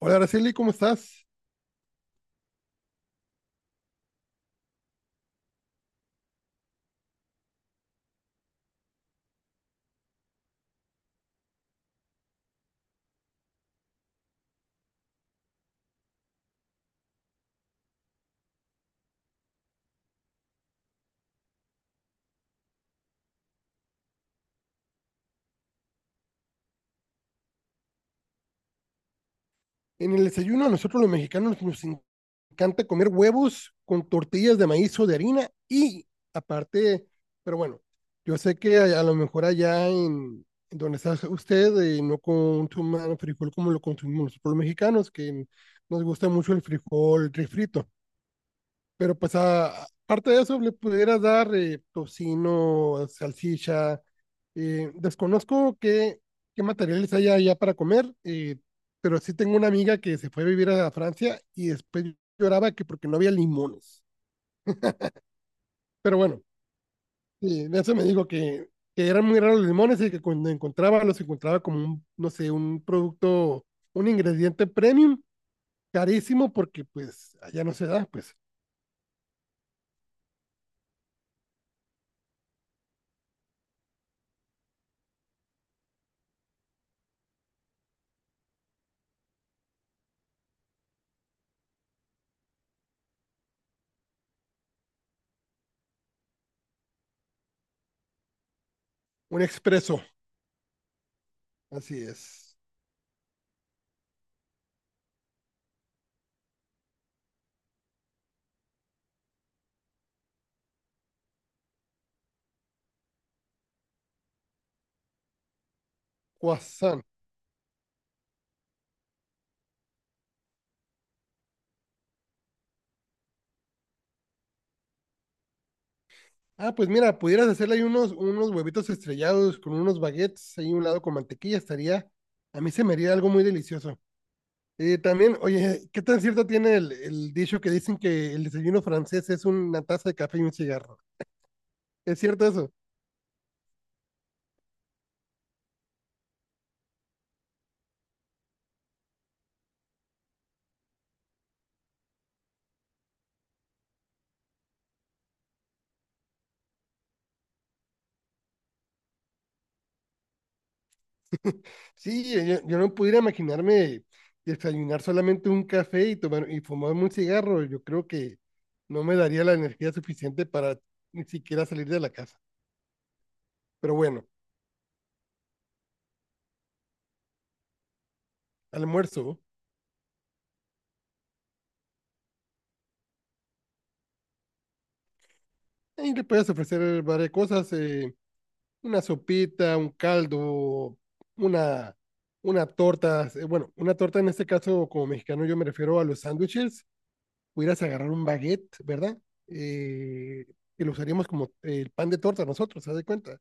Hola, Araceli, ¿cómo estás? En el desayuno a nosotros los mexicanos encanta comer huevos con tortillas de maíz o de harina y aparte, pero bueno, yo sé que a lo mejor allá en donde está usted no consuman frijol como lo consumimos nosotros los mexicanos, que nos gusta mucho el frijol refrito. Pero pues aparte de eso, le pudieras dar tocino, salchicha. Desconozco qué materiales hay allá para comer, pero sí tengo una amiga que se fue a vivir a Francia y después lloraba que porque no había limones. Pero bueno, sí, de eso me digo que eran muy raros los limones y que cuando encontraba los encontraba como un, no sé, un producto, un ingrediente premium, carísimo porque pues allá no se da, pues un expreso, así es. Croissant. Ah, pues mira, pudieras hacerle ahí unos huevitos estrellados con unos baguettes ahí un lado con mantequilla, estaría, a mí se me haría algo muy delicioso. También, oye, ¿qué tan cierto tiene el dicho que dicen que el desayuno francés es una taza de café y un cigarro? ¿Es cierto eso? Sí, yo no pudiera imaginarme desayunar solamente un café y tomar y fumarme un cigarro. Yo creo que no me daría la energía suficiente para ni siquiera salir de la casa. Pero bueno, almuerzo, ahí le puedes ofrecer varias cosas. Una sopita, un caldo, una, una torta. Bueno, una torta en este caso, como mexicano, yo me refiero a los sándwiches. Pudieras agarrar un baguette, ¿verdad? Eh, que lo usaríamos como el pan de torta nosotros, haz de cuenta.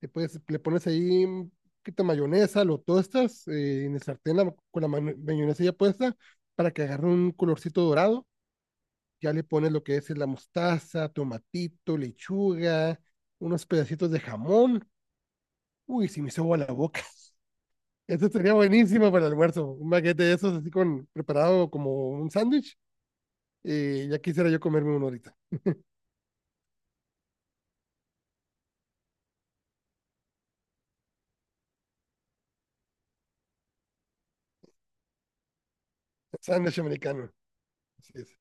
Le pones ahí un poquito de mayonesa, lo tostas en el sartén con la mayonesa ya puesta para que agarre un colorcito dorado. Ya le pones lo que es la mostaza, tomatito, lechuga, unos pedacitos de jamón. Uy, si me hizo agua la boca. Esto sería buenísimo para el almuerzo. Un baguette de esos así con preparado como un sándwich. Y ya quisiera yo comerme uno ahorita. Sándwich americano. Así es.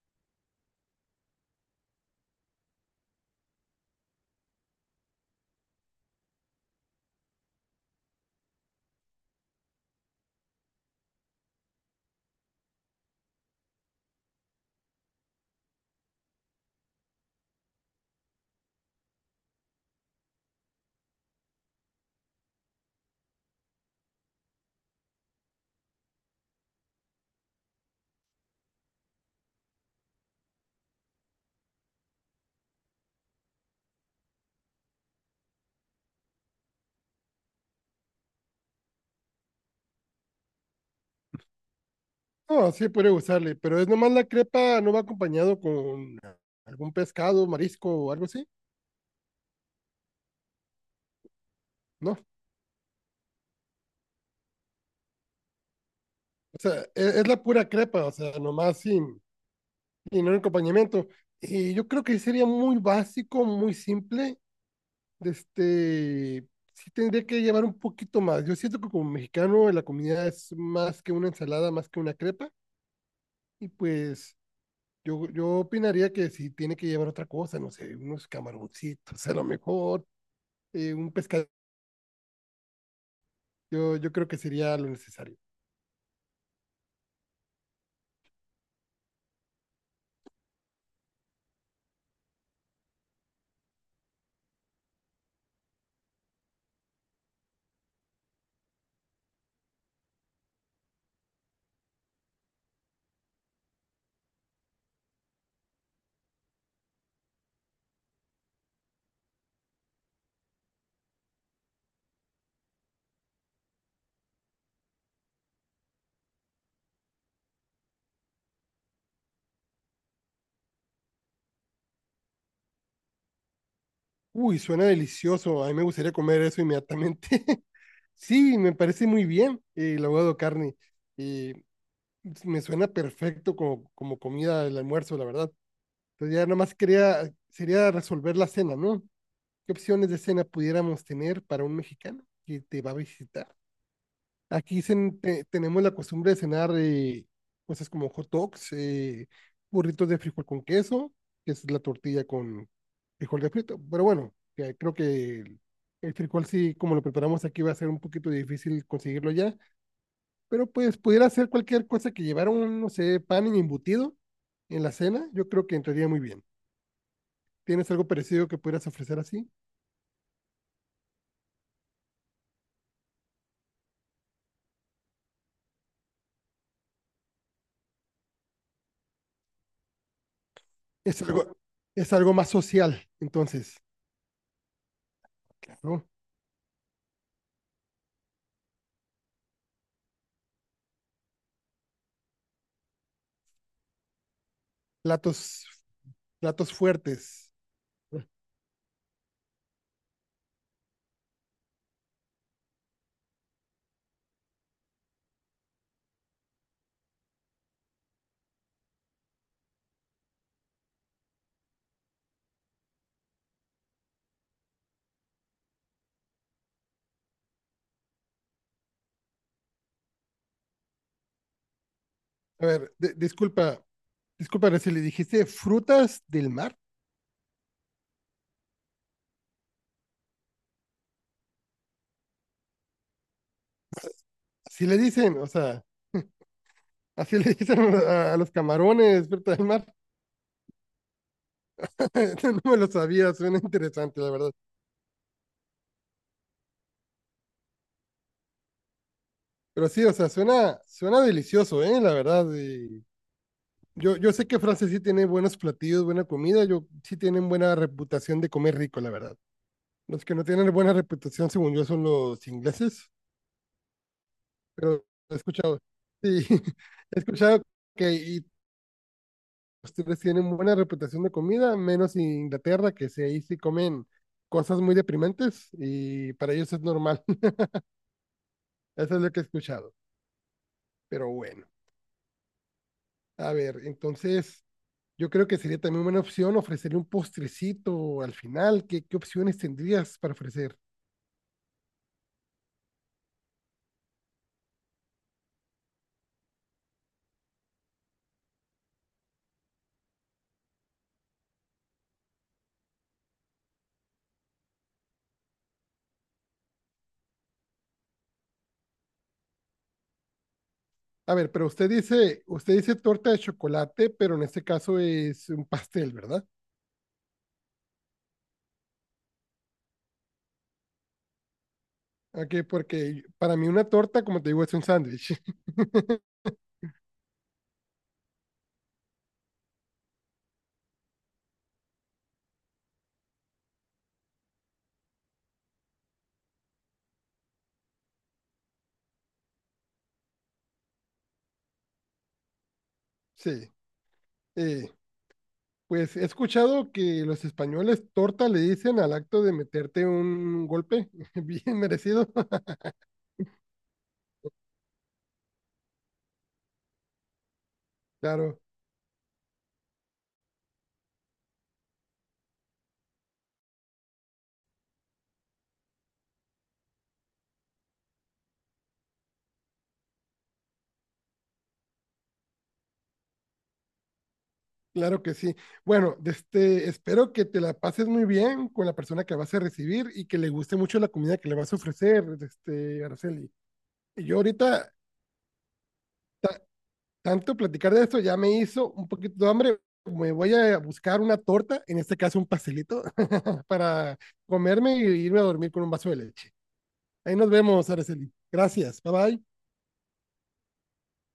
No, sí puede gustarle, pero es nomás la crepa, no va acompañado con algún pescado, marisco o algo así. No, o sea, es la pura crepa, o sea, nomás sin un acompañamiento. Y yo creo que sería muy básico, muy simple de este, sí tendría que llevar un poquito más. Yo siento que como mexicano la comida es más que una ensalada, más que una crepa, y pues yo opinaría que si tiene que llevar otra cosa, no sé, unos camaroncitos a lo mejor, un pescado, yo creo que sería lo necesario. Uy, suena delicioso, a mí me gustaría comer eso inmediatamente. Sí, me parece muy bien el ahogado carne. eh, Me suena perfecto como comida del almuerzo, la verdad. Entonces ya nomás quería, sería resolver la cena, ¿no? ¿Qué opciones de cena pudiéramos tener para un mexicano que te va a visitar? Aquí tenemos la costumbre de cenar cosas como hot dogs, burritos de frijol con queso, que es la tortilla con frijol de frito. Pero bueno, que creo que el frijol sí, como lo preparamos aquí, va a ser un poquito difícil conseguirlo ya. Pero pues pudiera ser cualquier cosa que llevara un, no sé, pan y embutido en la cena, yo creo que entraría muy bien. ¿Tienes algo parecido que pudieras ofrecer así? Es algo, es algo más social, entonces, ¿no? Platos, platos fuertes. A ver, disculpa, disculpa si le dijiste frutas del mar. Así le dicen, o sea, así le dicen a los camarones, frutas del mar. No me lo sabía, suena interesante, la verdad. Pero sí, o sea, suena, suena delicioso, ¿eh? La verdad. Y yo sé que Francia sí tiene buenos platillos, buena comida, yo sí tienen buena reputación de comer rico, la verdad. Los que no tienen buena reputación, según yo, son los ingleses, pero he escuchado. Sí, he escuchado que y ustedes tienen buena reputación de comida, menos Inglaterra, que sí, ahí sí comen cosas muy deprimentes y para ellos es normal. Eso es lo que he escuchado. Pero bueno, a ver, entonces yo creo que sería también buena opción ofrecerle un postrecito al final. ¿Qué, qué opciones tendrías para ofrecer? A ver, pero usted dice torta de chocolate, pero en este caso es un pastel, ¿verdad? Ok, porque para mí una torta, como te digo, es un sándwich. Sí. eh, pues he escuchado que los españoles torta le dicen al acto de meterte un golpe bien merecido. Claro, claro que sí. Bueno, de este, espero que te la pases muy bien con la persona que vas a recibir y que le guste mucho la comida que le vas a ofrecer, de este, Araceli. Y yo ahorita tanto platicar de esto ya me hizo un poquito de hambre. Me voy a buscar una torta, en este caso un pastelito, para comerme y irme a dormir con un vaso de leche. Ahí nos vemos, Araceli. Gracias. Bye bye.